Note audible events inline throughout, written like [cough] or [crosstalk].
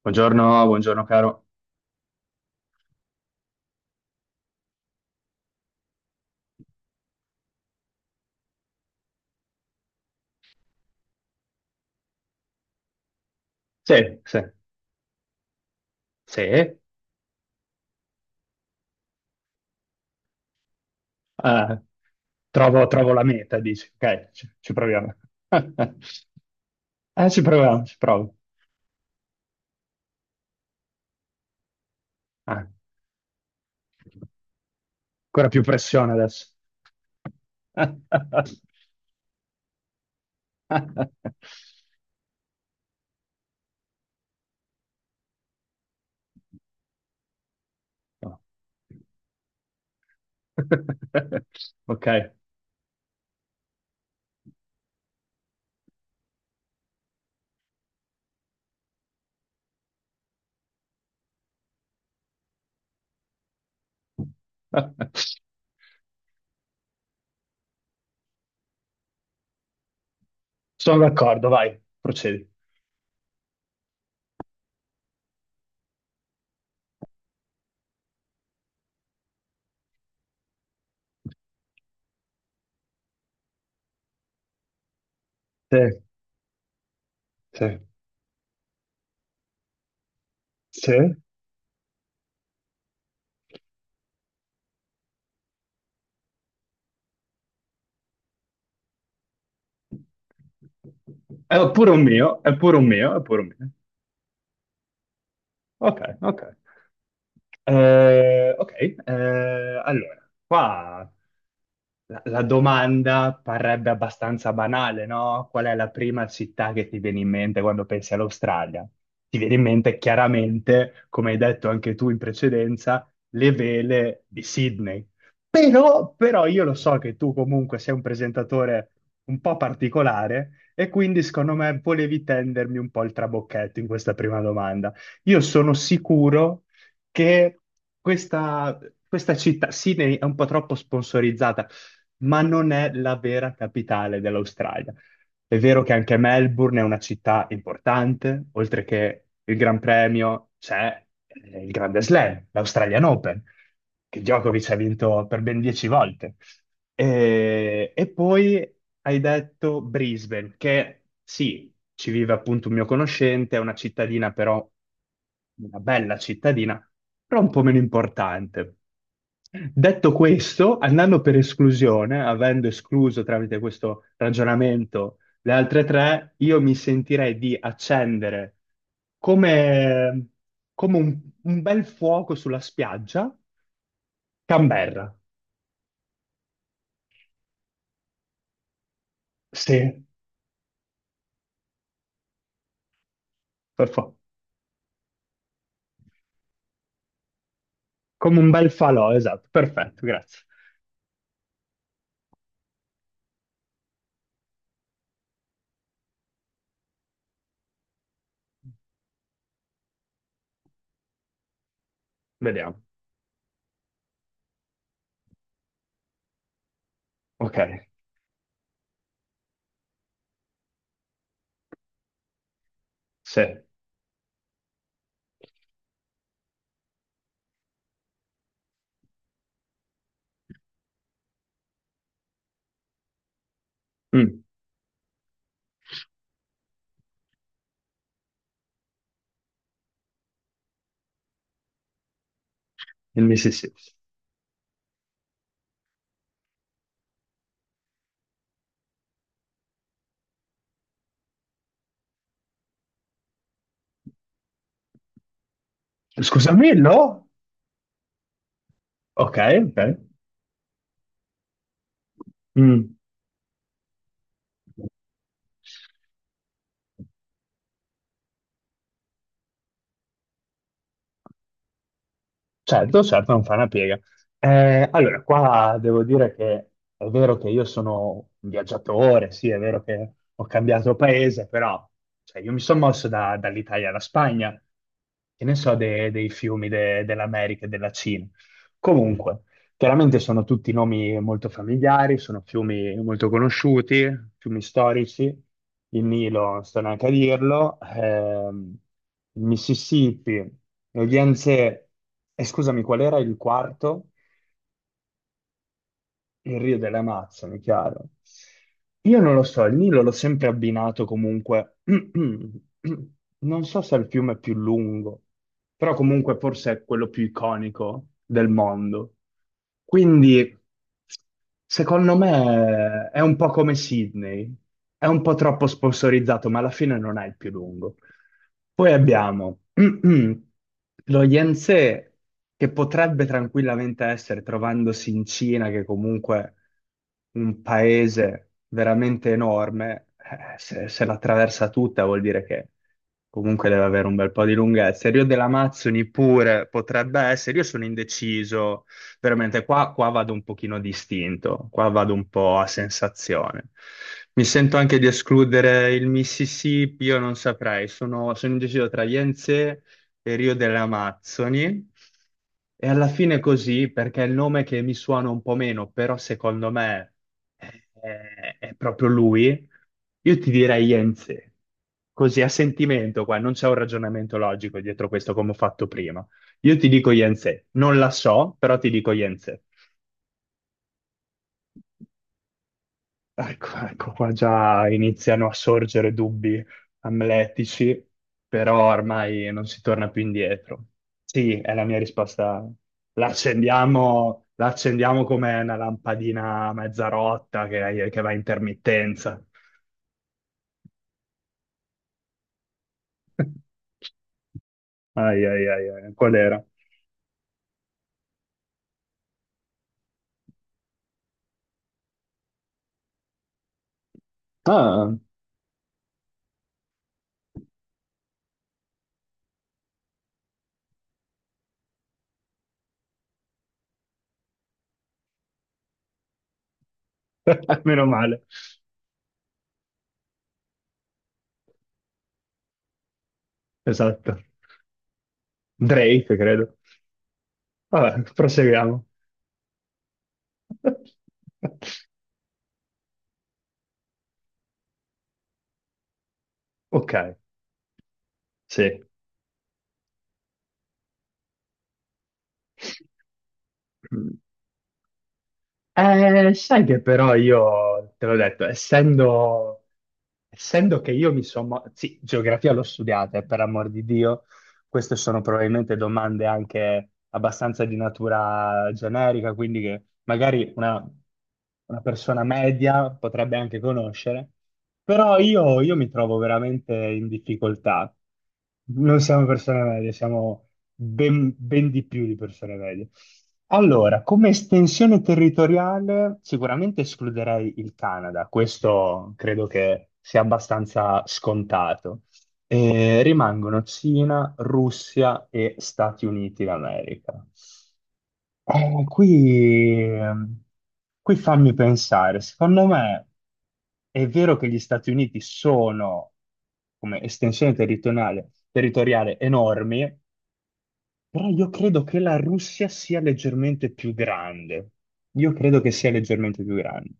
Buongiorno, buongiorno caro. Sì, sì, sì, trovo la meta, dici, ok, ci proviamo. [laughs] Ci proviamo, ci provo. Ah, ancora più pressione adesso. [laughs] No. [laughs] Ok, sono d'accordo, vai, procedi. Sì, sì, sì. È pure un mio, è pure un mio, è pure un mio. Ok, ok. Ok, eh, allora, qua la domanda parrebbe abbastanza banale, no? Qual è la prima città che ti viene in mente quando pensi all'Australia? Ti viene in mente chiaramente, come hai detto anche tu in precedenza, le vele di Sydney. Però, io lo so che tu comunque sei un presentatore un po' particolare e quindi secondo me volevi tendermi un po' il trabocchetto in questa prima domanda. Io sono sicuro che questa, questa città, Sydney, è un po' troppo sponsorizzata, ma non è la vera capitale dell'Australia. È vero che anche Melbourne è una città importante, oltre che il Gran Premio c'è il Grande Slam, l'Australian Open, che Djokovic ha vinto per ben 10 volte. E poi hai detto Brisbane, che sì, ci vive appunto un mio conoscente, è una cittadina però, una bella cittadina, però un po' meno importante. Detto questo, andando per esclusione, avendo escluso tramite questo ragionamento le altre tre, io mi sentirei di accendere come, come un bel fuoco sulla spiaggia, Canberra. Sì, per fa- come un bel falò, esatto, perfetto, grazie. Vediamo. Ok, sì. Mm, il Mississippi. Scusami, no? Ok, ok. Mm, certo, certo, non fa una piega. Allora, qua devo dire che è vero che io sono un viaggiatore, sì, è vero che ho cambiato paese, però cioè, io mi sono mosso dall'Italia alla Spagna, che ne so dei fiumi dell'America e della Cina. Comunque, chiaramente sono tutti nomi molto familiari, sono fiumi molto conosciuti, fiumi storici, il Nilo, non sto neanche a dirlo, il Mississippi, lo Yangtze, e scusami, qual era il quarto? Il Rio delle Amazzoni, chiaro. Io non lo so, il Nilo l'ho sempre abbinato comunque. [clears throat] Non so se è il fiume più lungo, però comunque forse è quello più iconico del mondo. Quindi, secondo me, è un po' come Sydney, è un po' troppo sponsorizzato, ma alla fine non è il più lungo. Poi abbiamo [clears throat] lo Yense che potrebbe tranquillamente essere, trovandosi in Cina, che comunque un paese veramente enorme, se l'attraversa tutta vuol dire che comunque deve avere un bel po' di lunghezza. Il Rio dell'Amazzoni pure potrebbe essere, io sono indeciso veramente qua, qua vado un pochino distinto, qua vado un po' a sensazione. Mi sento anche di escludere il Mississippi, io non saprei, sono indeciso tra Yense e Rio delle Amazzoni. E alla fine così, perché è il nome che mi suona un po' meno, però secondo me è, è proprio lui, io ti direi Yense. Così a sentimento qua, non c'è un ragionamento logico dietro questo come ho fatto prima. Io ti dico Yense, non la so, però ti dico Yense. Ecco, ecco, qua già iniziano a sorgere dubbi amletici, però ormai non si torna più indietro. Sì, è la mia risposta. La accendiamo come una lampadina mezza rotta che va a intermittenza. [laughs] Ai, ai, ai, ai, qual era? Ah, [laughs] meno male, esatto. Drake, credo. Vabbè, proseguiamo. [laughs] Ok, sì. Mm. Sai che però io, te l'ho detto, essendo che io mi sono... Sì, geografia l'ho studiata, e per amor di Dio, queste sono probabilmente domande anche abbastanza di natura generica, quindi che magari una persona media potrebbe anche conoscere, però io mi trovo veramente in difficoltà. Non siamo persone medie, siamo ben, ben di più di persone medie. Allora, come estensione territoriale sicuramente escluderei il Canada, questo credo che sia abbastanza scontato. E rimangono Cina, Russia e Stati Uniti d'America. Eh, qui, ehm, qui fammi pensare, secondo me è vero che gli Stati Uniti sono come estensione territoriale enormi, però io credo che la Russia sia leggermente più grande. Io credo che sia leggermente più grande.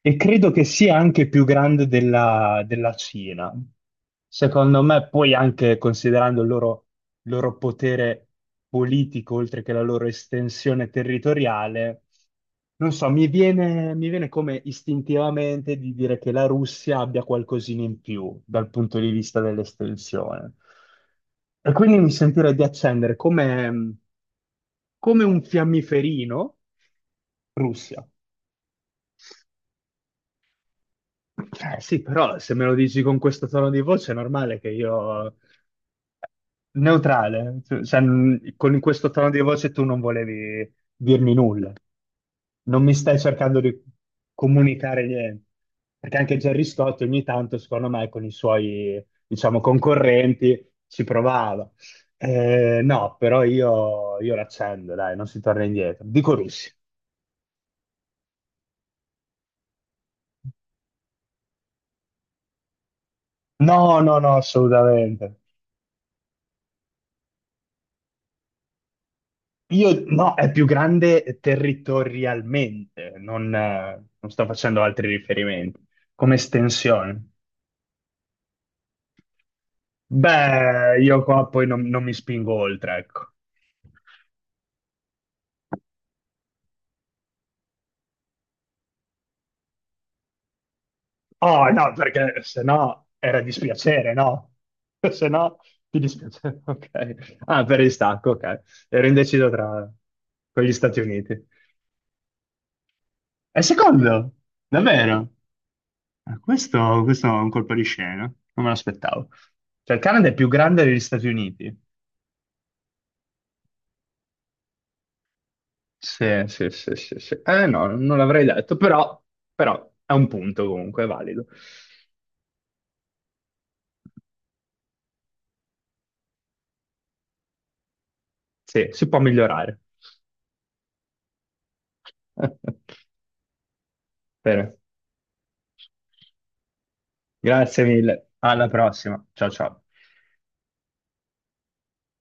E credo che sia anche più grande della Cina. Secondo me, poi anche considerando il loro potere politico, oltre che la loro estensione territoriale. Non so, mi viene come istintivamente di dire che la Russia abbia qualcosina in più dal punto di vista dell'estensione. E quindi mi sentirei di accendere come un fiammiferino Russia. Sì, però se me lo dici con questo tono di voce è normale che io... Neutrale, con questo tono di voce tu non volevi dirmi nulla, non mi stai cercando di comunicare niente, perché anche Gerry Scott ogni tanto, secondo me, con i suoi, diciamo, concorrenti ci provava. No, però io l'accendo, dai, non si torna indietro. Dico Russia. No, no, no, assolutamente. Io no, è più grande territorialmente, non sto facendo altri riferimenti. Come estensione. Beh, io qua poi non mi spingo oltre, ecco. Oh no, perché se no era dispiacere, no? [laughs] Se no ti dispiacere, [laughs] ok. Ah, per il stacco, ok. Ero indeciso tra con gli Stati Uniti. È secondo? Davvero? Questo è un colpo di scena, non me l'aspettavo. Cioè, il Canada è più grande degli Stati Uniti. Sì, sì, sì, sì, sì. Eh no, non l'avrei detto, però è un punto comunque, è valido. Sì, si può migliorare. [laughs] Bene, grazie mille. Alla prossima. Ciao ciao.